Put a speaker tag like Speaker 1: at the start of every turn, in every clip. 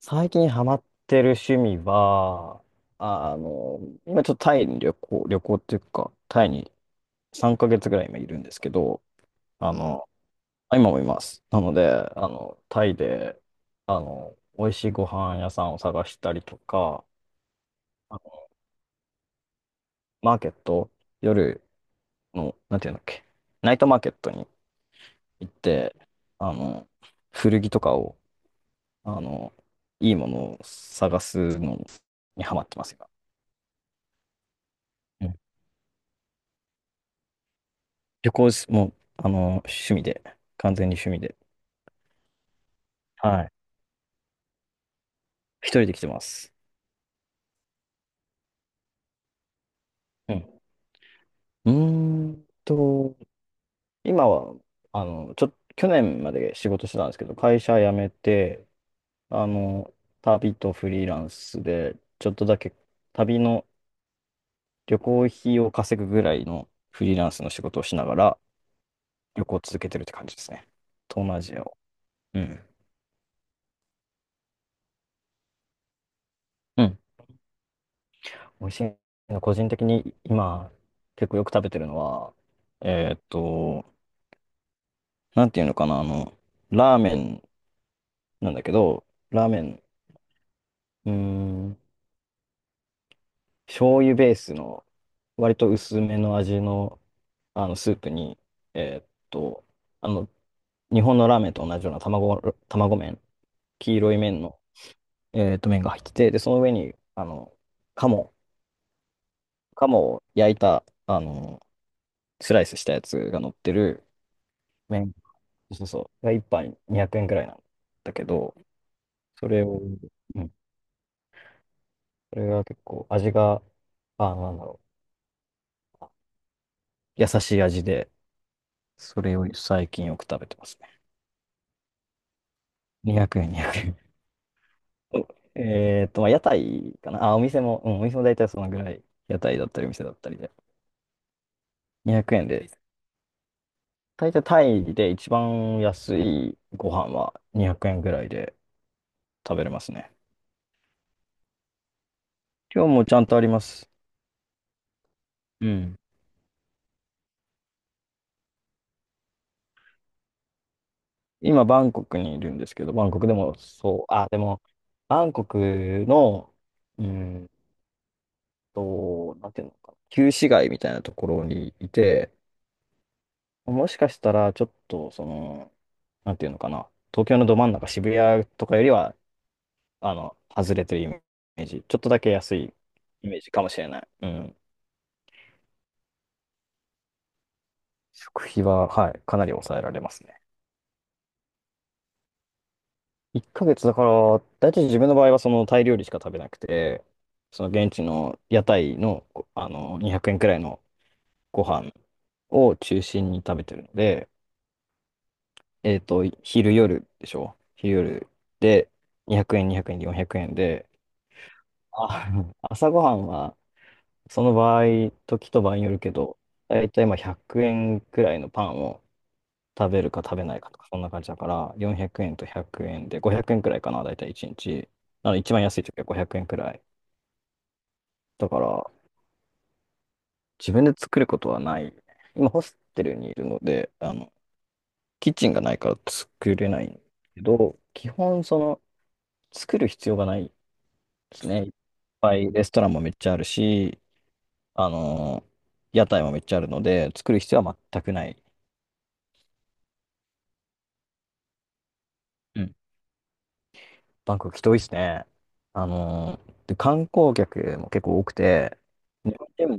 Speaker 1: 最近ハマってる趣味は、ああの、今ちょっとタイに旅行っていうか、タイに3ヶ月ぐらい今いるんですけど、あの、今もいます。なので、タイで、美味しいご飯屋さんを探したりとか、あのマーケット、夜の、なんていうんだっけ、ナイトマーケットに行って、あの、古着とかを、あの、いいものを探すのにハマってますよ。旅行し、もう、あの、趣味で、完全に趣味で。はい。一人で来てます。うん。うーんと、今は、去年まで仕事してたんですけど、会社辞めて、あの、旅とフリーランスで、ちょっとだけ旅の旅行費を稼ぐぐらいのフリーランスの仕事をしながら、旅行を続けてるって感じですね。東南アジアを。うん。うん。美味しいの、個人的に今、結構よく食べてるのは、えーっと、なんていうのかな、あの、ラーメンなんだけど、ラーメン、うーん、醤油ベースの、割と薄めの味の、スープに、えーっと、あの、日本のラーメンと同じような卵麺、黄色い麺の、麺が入ってて、で、その上に、鴨、鴨を焼いた、スライスしたやつが乗ってる麺、そうそう、が1杯200円くらいなんだけど、それを、うん、それが結構味が、あ、なんだろ優しい味で、それを最近よく食べてますね。200円、200円。おえっと、まあ、屋台かな。あ、お店も、うん、お店も大体そのぐらい、屋台だったりお店だったりで。200円で、大体タイで一番安いご飯は200円ぐらいで食べれますね。今日もちゃんとあります。うん。今、バンコクにいるんですけど、バンコクでもそう、あ、でも、バンコクの、うんと、なんていうのかな、旧市街みたいなところにいて、もしかしたら、ちょっと、その、なんていうのかな、東京のど真ん中、渋谷とかよりは、外れてるイメージ、ちょっとだけ安いイメージかもしれない。うん。食費は、はい、かなり抑えられますね。1ヶ月だから、大体自分の場合はそのタイ料理しか食べなくて、その現地の屋台の、200円くえんくらいのご飯を中心に食べてるので、昼夜で、200円、200円で400円で、あ 朝ごはんは、その場合、時と場合によるけど、だいたいまあ100円くえんくらいのパンを食べるか食べないかとか、そんな感じだから、400円と100円で、500円くえんくらいかな、だいたい1日。なので、一番安い時は500円くえんくらい。だから、自分で作ることはない。今、ホステルにいるので、キッチンがないから作れないけど、基本、その、作る必要がない。ですね。いっぱいレストランもめっちゃあるし、あのー屋台もめっちゃあるので、作る必要は全くない。うん。バンコク人多いですね。で、観光客も結構多くて、日本人も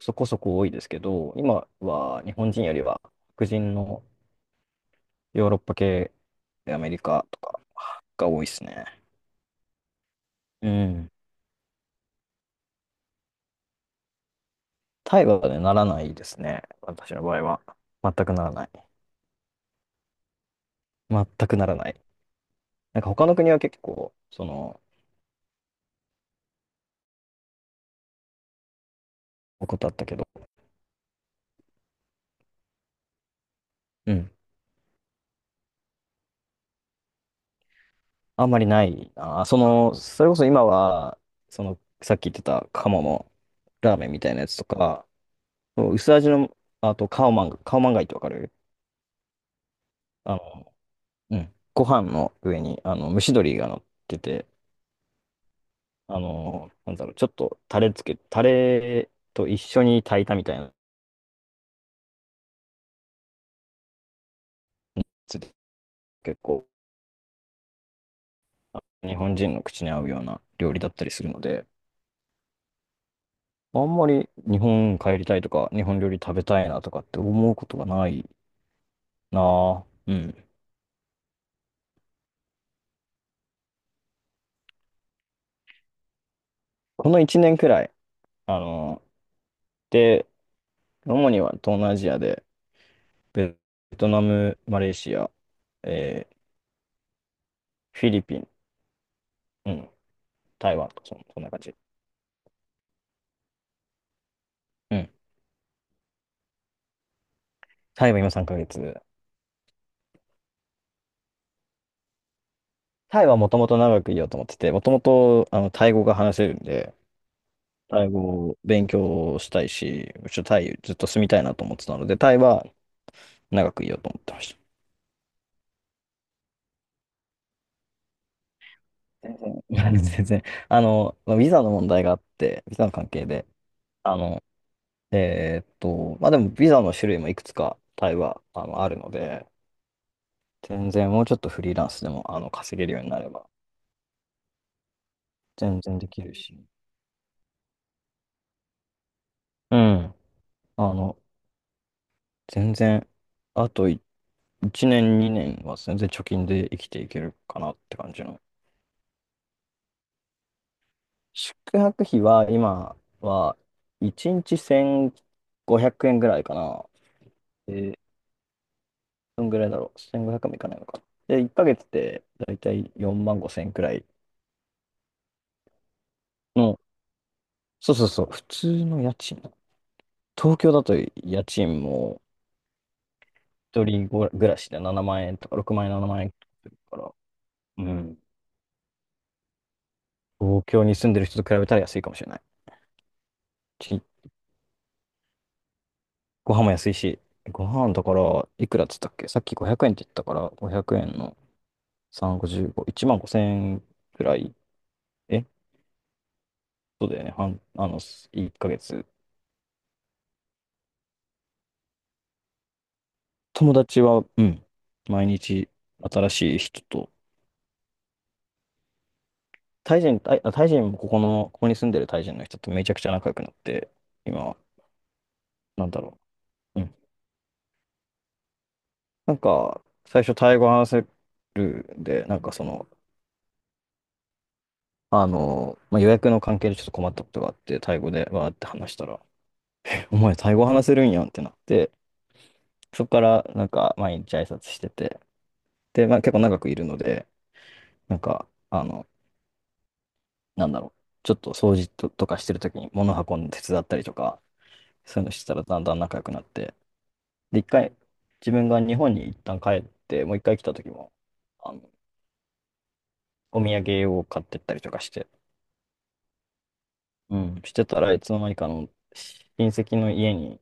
Speaker 1: そこそこ多いですけど、今は日本人よりは白人のヨーロッパ系、アメリカとかが多いですね。うん。タイはね、ならないですね。私の場合は。全くならない。全くならない。なんか他の国は結構、その、ことあったけど、うん。あんまりないな。その、それこそ今は、その、さっき言ってた鴨のラーメンみたいなやつとか、そう薄味の、あと、カオマンガイってわかる？あの、うん。ご飯の上に、蒸し鶏が乗ってて、ちょっとタレと一緒に炊いたみたいなやつで、結構、日本人の口に合うような料理だったりするので、あんまり日本帰りたいとか、日本料理食べたいなとかって思うことがない。ああ、うん。この1年くらい、あの、で、主には東南アジアで、ベトナム、マレーシア、えーフィリピン、うん、台湾とそんな感じ。うん。タイは今3ヶ月。タイはもともと長くいようと思ってて、もともと、タイ語が話せるんで、タイ語を勉強したいし、タイずっと住みたいなと思ってたので、タイは長くいようと思ってました。全然、全然。まあビザの問題があって、ビザの関係で、あの、まあでもビザの種類もいくつかタイはあるので、全然もうちょっとフリーランスでも稼げるようになれば全然できるし、うん。あの、全然、あと1年、2年は全然貯金で生きていけるかなって感じの。宿泊費は今は1日1500円ぐらいかな。で、どんぐらいだろう。1500円もいかないのか。で、1ヶ月でだいたい4万5千円くらいの、そうそうそう、普通の家賃。東京だと家賃も一人ご暮らしで7万円とか6万円、7万円するから、うん。東京に住んでる人と比べたら安いかもしれない。ちご飯も安いし、ご飯だから、いくらっつったっけ、さっき500円って言ったから、500円の3、55、1万5千円くらい。え、そうだよね。半、あの、1ヶ月。友達は、うん。毎日新しい人と、タイ人もここに住んでるタイ人の人とめちゃくちゃ仲良くなって、今、なんだろう。なんか、最初、タイ語話せるんで、なんかその、まあ、予約の関係でちょっと困ったことがあって、タイ語でわーって話したら、お前、タイ語話せるんやんってなって、そこからなんか、毎日挨拶してて、で、まあ、結構長くいるので、なんか、ちょっと掃除とかしてるときに物運んで手伝ったりとか、そういうのしてたらだんだん仲良くなって、で、一回、自分が日本に一旦帰って、もう一回来たときも、あの、お土産を買ってったりとかして、うん、してたらいつの間にか親戚の家に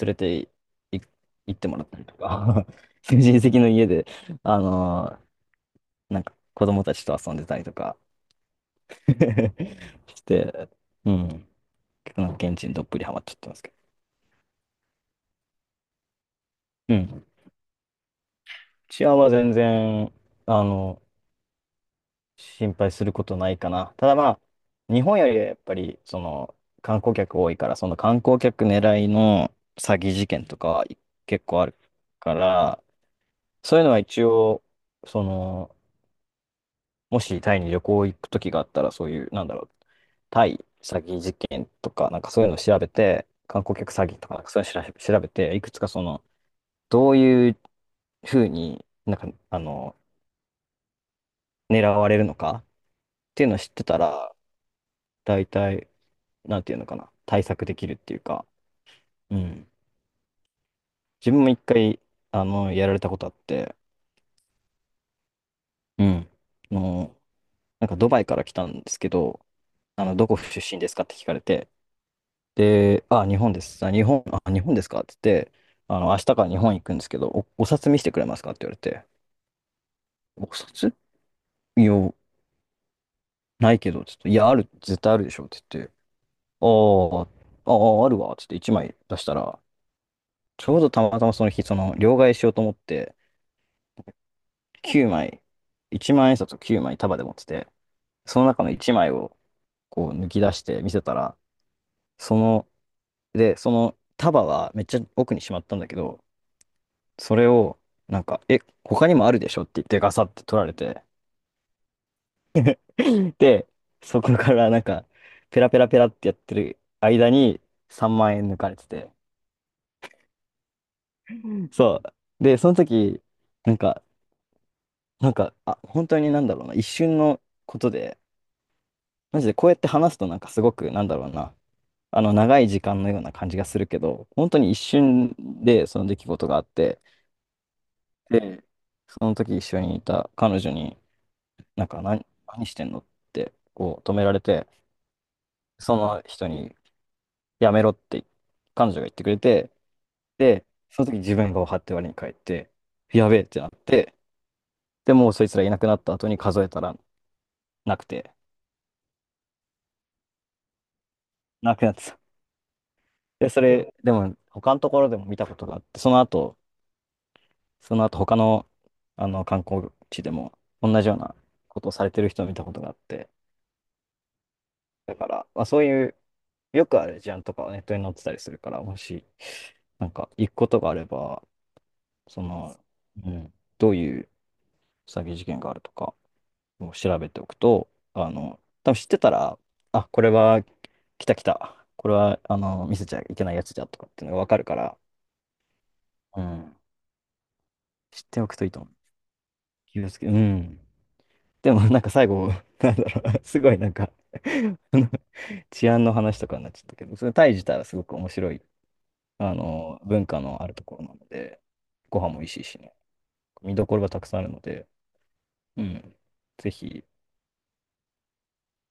Speaker 1: 連れて行ってもらったりとか 親戚の家で、あのーなんか子供たちと遊んでたりとか して、うん、結構なんか現地にどっぷりハマっちゃってますけど、うん、治安は全然、あの、心配することないかな。ただまあ、日本よりはやっぱり、観光客多いから、その観光客狙いの詐欺事件とかは結構あるから、そういうのは一応、その、もしタイに旅行行く時があったら、そういう、なんだろう、タイ詐欺事件とか、なんかそういうのを調べて、観光客詐欺とか、なんかそういうの調べて、いくつかその、どういうふうになんか、狙われるのかっていうのを知ってたら、大体、なんていうのかな、対策できるっていうか、うん。自分も一回、やられたことあって、うん。あの、なんかドバイから来たんですけど、どこ出身ですかって聞かれて、で、あ、日本です。あ、日本ですかって言って、明日から日本行くんですけど、お札見せてくれますかって言われて、お札いや、ないけど、ちょっと、いや、ある、絶対あるでしょって言って、あーあるわ、つって1枚出したら、ちょうどたまたまその日、両替しようと思って、9枚、1万円札を9枚束で持ってて、その中の1枚を、こう、抜き出して見せたら、その、で、その束はめっちゃ奥にしまったんだけど、それを、なんか、え、他にもあるでしょって言ってガサって取られて、で、そこからなんか、ペラペラペラってやってる間に3万円抜かれてて、そう。で、その時、なんか、なんか、あ、本当になんだろうな、一瞬のことで、マジでこうやって話すとなんかすごく、なんだろうな、長い時間のような感じがするけど、本当に一瞬でその出来事があって、で、その時一緒にいた彼女に、なんか、何してんのって、こう、止められて、その人にやめろって彼女が言ってくれて、で、その時自分が張って割に帰って、やべえってなって、でもうそいつらいなくなった後に数えたらなくて、なくなってた。で、それ、でも他のところでも見たことがあって、その後、他の、あの観光地でも同じようなことをされてる人を見たことがあって、だから、まあ、そういう、よくある事案とかはネットに載ってたりするから、もし、なんか行くことがあれば、その、うん、どういう詐欺事件があるとかを調べておくと、多分知ってたら、あ、これは来た来た。これは、見せちゃいけないやつじゃとかっていうのがわかるから、うん。知っておくといいと思う。気をつけ、うん。でも、なんか最後、なんだろう、すごいなんか あの治安の話とかになっちゃったけど、それタイ自体はすごく面白い、文化のあるところなので、ご飯も美味しいしね、見どころがたくさんあるので、うん。ぜひ、